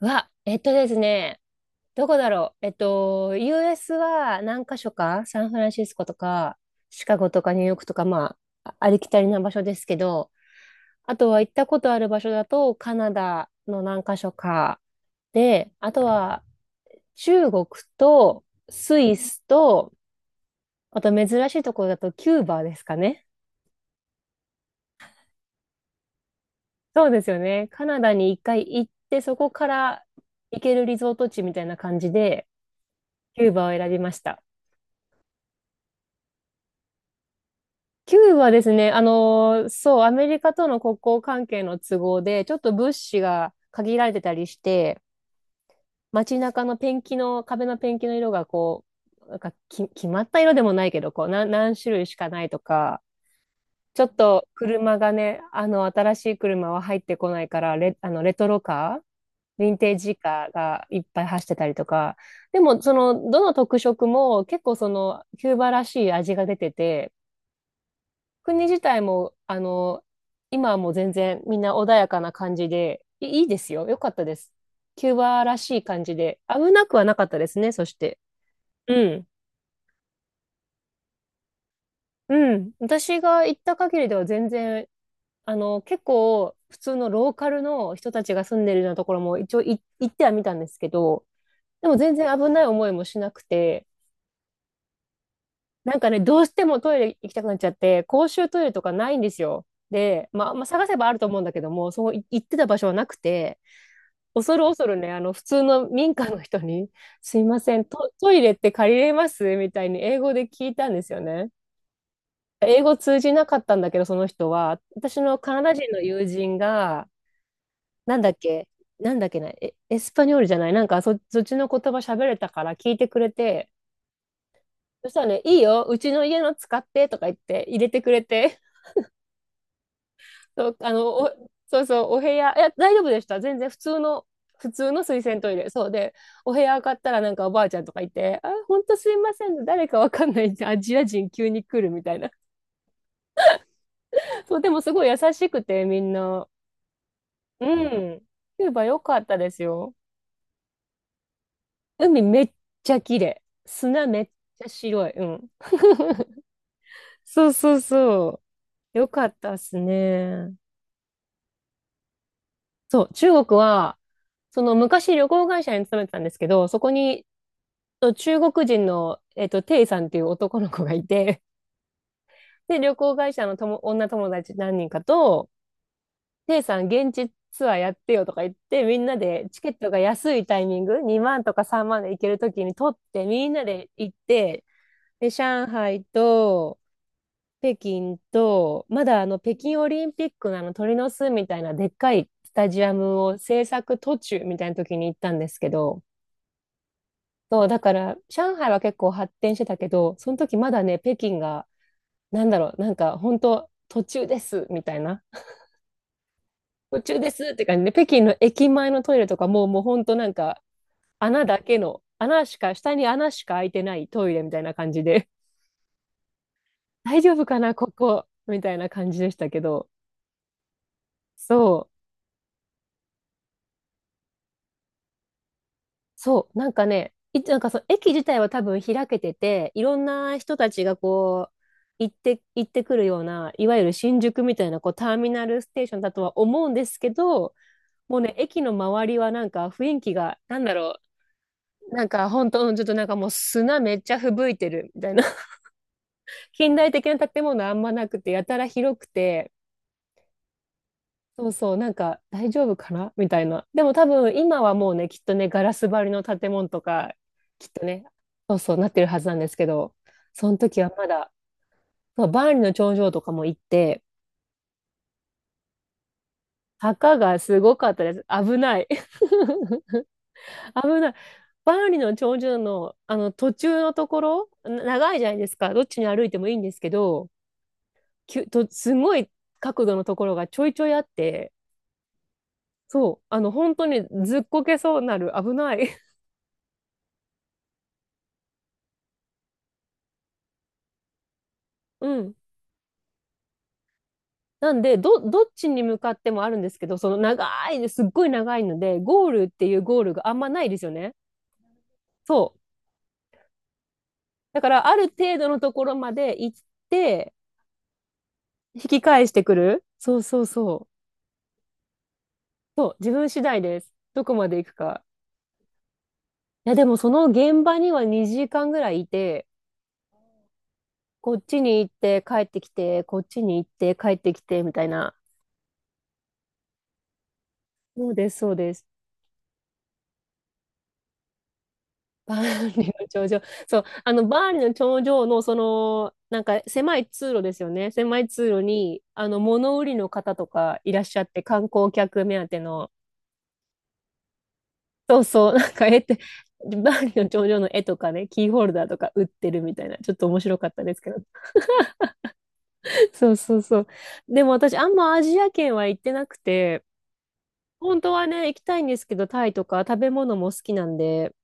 わ、えっとですね、どこだろう。US は何か所か、サンフランシスコとか、シカゴとかニューヨークとか、まあ、ありきたりな場所ですけど、あとは行ったことある場所だと、カナダの何か所か、で、あとは中国とスイスと、あと珍しいところだとキューバですかね。そうですよね。カナダに一回行って、そこから行けるリゾート地みたいな感じで、キューバを選びました。キューはですね、そう、アメリカとの国交関係の都合で、ちょっと物資が限られてたりして、街中のペンキの、壁のペンキの色がこう、なんかき、決まった色でもないけど、こう、何種類しかないとか、ちょっと車がね、あの、新しい車は入ってこないから、レ、あの、レトロカー、ヴィンテージカーがいっぱい走ってたりとか、でも、その、どの特色も結構その、キューバらしい味が出てて、国自体も、あの、今はもう全然みんな穏やかな感じで、いいですよ。よかったです。キューバらしい感じで、危なくはなかったですね、そして。うん。うん。私が行った限りでは全然、あの、結構普通のローカルの人たちが住んでるようなところも一応行ってはみたんですけど、でも全然危ない思いもしなくて、なんかね、どうしてもトイレ行きたくなっちゃって、公衆トイレとかないんですよ。で、まあ、探せばあると思うんだけども、そこ行ってた場所はなくて、恐る恐るね、あの、普通の民家の人に、すいません、トイレって借りれますみたいに英語で聞いたんですよね。英語通じなかったんだけど、その人は、私のカナダ人の友人が、なんだっけ、なんだっけな、エスパニョールじゃない、なんかそっちの言葉喋れたから聞いてくれて、そしたらね、いいよ、うちの家の使ってとか言って入れてくれて、そう、あの、そうそう、お部屋、いや、大丈夫でした。全然普通の、普通の水洗トイレ。そうで、お部屋上がったらなんかおばあちゃんとかいて、あ、ほんとすいませんね、誰かわかんないアジア人急に来るみたいな。そう、でもすごい優しくて、みんな。うん。キューバ良かったですよ。海めっちゃ綺麗。砂めっちゃ白い。うん。そうそうそう。よかったっすね。そう、中国は、その昔旅行会社に勤めてたんですけど、そこに中国人の、えっと、テイさんっていう男の子がいて、で、旅行会社の女友達何人かと、テイさん現地ツアーやってよとか言って、みんなでチケットが安いタイミング、2万とか3万で行けるときに取って、みんなで行って、で、上海と、北京と、まだあの北京オリンピックのあの鳥の巣みたいなでっかいスタジアムを制作途中みたいな時に行ったんですけど、そう、だから上海は結構発展してたけど、その時まだね、北京がなんだろう、なんか本当途中ですみたいな。途中ですって感じで、北京の駅前のトイレとかもう、もう本当なんか穴だけの、穴しか、下に穴しか開いてないトイレみたいな感じで、大丈夫かな、ここみたいな感じでしたけど、そう、そう、なんかね、なんかその駅自体は多分開けてて、いろんな人たちがこう、行ってくるような、いわゆる新宿みたいなこうターミナルステーションだとは思うんですけど、もうね、駅の周りはなんか雰囲気が、なんだろう、なんか本当、ちょっとなんかもう砂めっちゃ吹雪いてるみたいな。近代的な建物あんまなくて、やたら広くて、そうそう、なんか大丈夫かなみたいな。でも多分今はもうね、きっとね、ガラス張りの建物とか、きっとね、そうそうなってるはずなんですけど、その時はまだ、そうバーンリの頂上とかも行って、坂がすごかったです。危ない。危ない。バーンリの頂上の、あの途中のところ、長いじゃないですか。どっちに歩いてもいいんですけど、きゅとすごい角度のところがちょいちょいあって、そう、あの本当にずっこけそうなる、危ない。 うん。なんでどどっちに向かってもあるんですけど、その長いです、っごい長いので、ゴールっていうゴールがあんまないですよね。そう、だからある程度のところまで行って引き返してくる。そうそうそう。そう、自分次第です、どこまで行くか。いや、でもその現場には2時間ぐらいいて、こっちに行って帰ってきて、こっちに行って帰ってきてみたいな。そうです、そうです。バーンリの頂上。そう、あの、バーンリの頂上の、その、なんか狭い通路ですよね。狭い通路に、あの、物売りの方とかいらっしゃって、観光客目当ての、そうそう、なんか絵って、バーンリの頂上の絵とかね、キーホルダーとか売ってるみたいな、ちょっと面白かったですけど。そうそうそう。でも私、あんまアジア圏は行ってなくて、本当はね、行きたいんですけど、タイとか食べ物も好きなんで、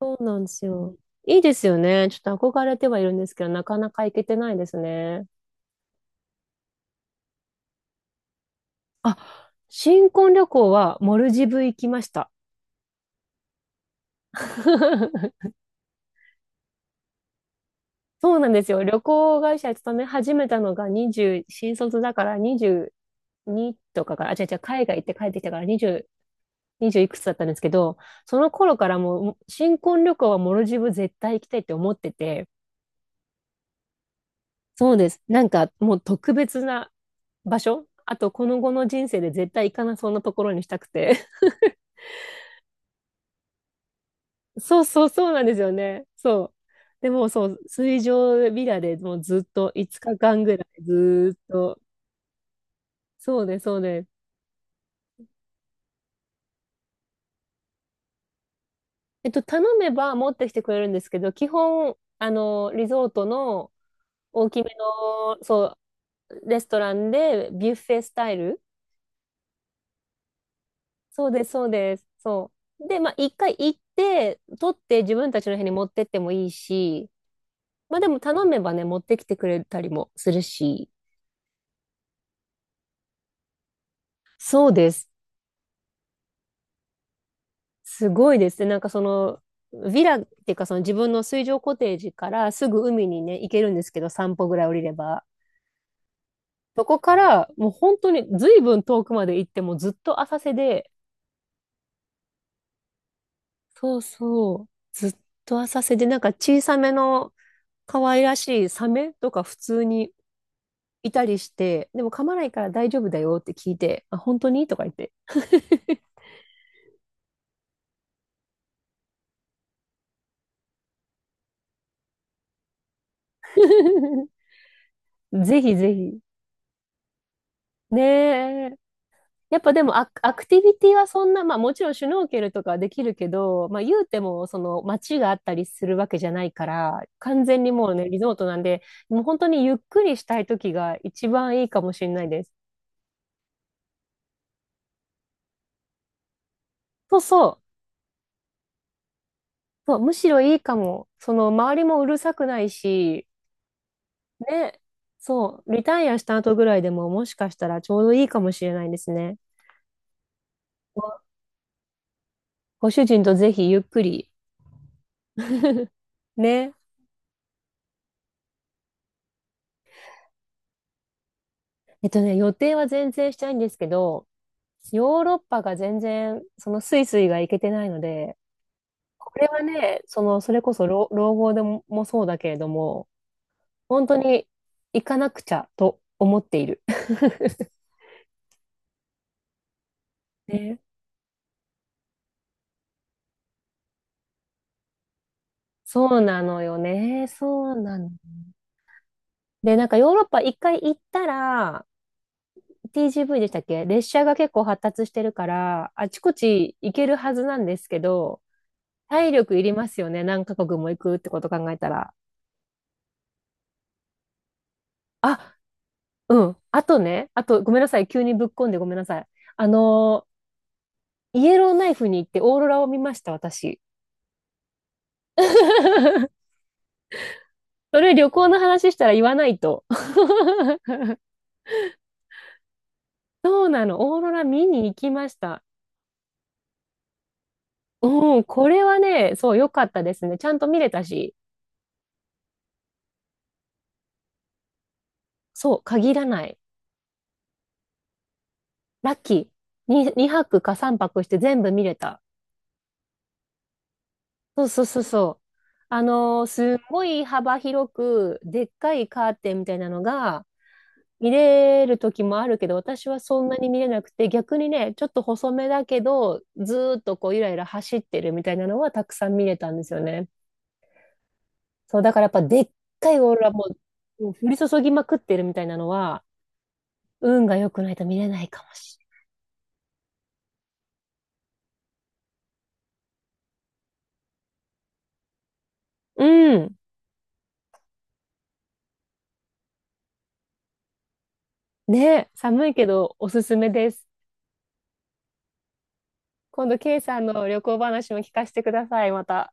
そうなんですよ。いいですよね。ちょっと憧れてはいるんですけど、なかなか行けてないですね。あ、新婚旅行はモルジブ行きました。そうなんですよ。旅行会社勤め始めたのが20、新卒だから22とかから、あ、違う、海外行って帰ってきたから20いくつだったんですけど、その頃からもう新婚旅行はモルジブ絶対行きたいって思ってて、そうです。なんかもう特別な場所、あと、この後の人生で絶対行かなそうなところにしたくて。そうなんですよね。そう。でもそう、水上ビラでもうずっと5日間ぐらいずーっと。そうね、そうね。えっと、頼めば持ってきてくれるんですけど、基本、あの、リゾートの大きめの、そう、レストランでビュッフェスタイル。そうです、そうです。そう。で、まあ、一回行って、取って自分たちの部屋に持ってってもいいし、まあでも頼めばね、持ってきてくれたりもするし。そうです。すごいですね。なんかその、ヴィラっていうかその自分の水上コテージからすぐ海にね、行けるんですけど、散歩ぐらい降りれば。そこからもう本当に随分遠くまで行ってもずっと浅瀬で、そうそう、ずっと浅瀬で、なんか小さめの可愛らしいサメとか普通にいたりして、でも噛まないから大丈夫だよって聞いて、あ、本当にとか言って。ぜひぜひ。ねえ。やっぱでもアクティビティはそんな、まあもちろんシュノーケルとかはできるけど、まあ言うてもその街があったりするわけじゃないから、完全にもうね、リゾートなんで、もう本当にゆっくりしたい時が一番いいかもしれないです。そうそう、そう、むしろいいかも。その周りもうるさくないし、ね、そう、リタイアした後ぐらいでももしかしたらちょうどいいかもしれないですね。ごご主人とぜひゆっくり。ね。えっとね、予定は全然したいんですけど、ヨーロッパが全然、そのスイスが行けてないので、これはね、その、それこそ老後でも、そうだけれども、本当に行かなくちゃと思っている。ね、そうなのよね。そうなの。で、なんかヨーロッパ一回行ったら、TGV でしたっけ、列車が結構発達してるから、あちこち行けるはずなんですけど、体力いりますよね。何カ国も行くってこと考えたら。あ、うん。あとね、ごめんなさい。急にぶっこんでごめんなさい。あのー、イエローナイフに行ってオーロラを見ました、私。それ旅行の話したら言わないと。そうなの。オーロラ見に行きました。うん、これはね、そう、良かったですね。ちゃんと見れたし。そう、限らない。ラッキー。に2泊か3泊して全部見れた。そうそうそうそう。あのーすんごい幅広く、でっかいカーテンみたいなのが、見れる時もあるけど、私はそんなに見れなくて、逆にね、ちょっと細めだけど、ずーっとこう、ゆらゆら走ってるみたいなのはたくさん見れたんですよね。そう、だからやっぱでっかいオーロラも、うん、降り注ぎまくってるみたいなのは、運が良くないと見れないかもしれない。うん。ね、寒いけどおすすめです。今度、ケイさんの旅行話も聞かせてください、また。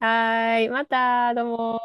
はーい、また、どうも。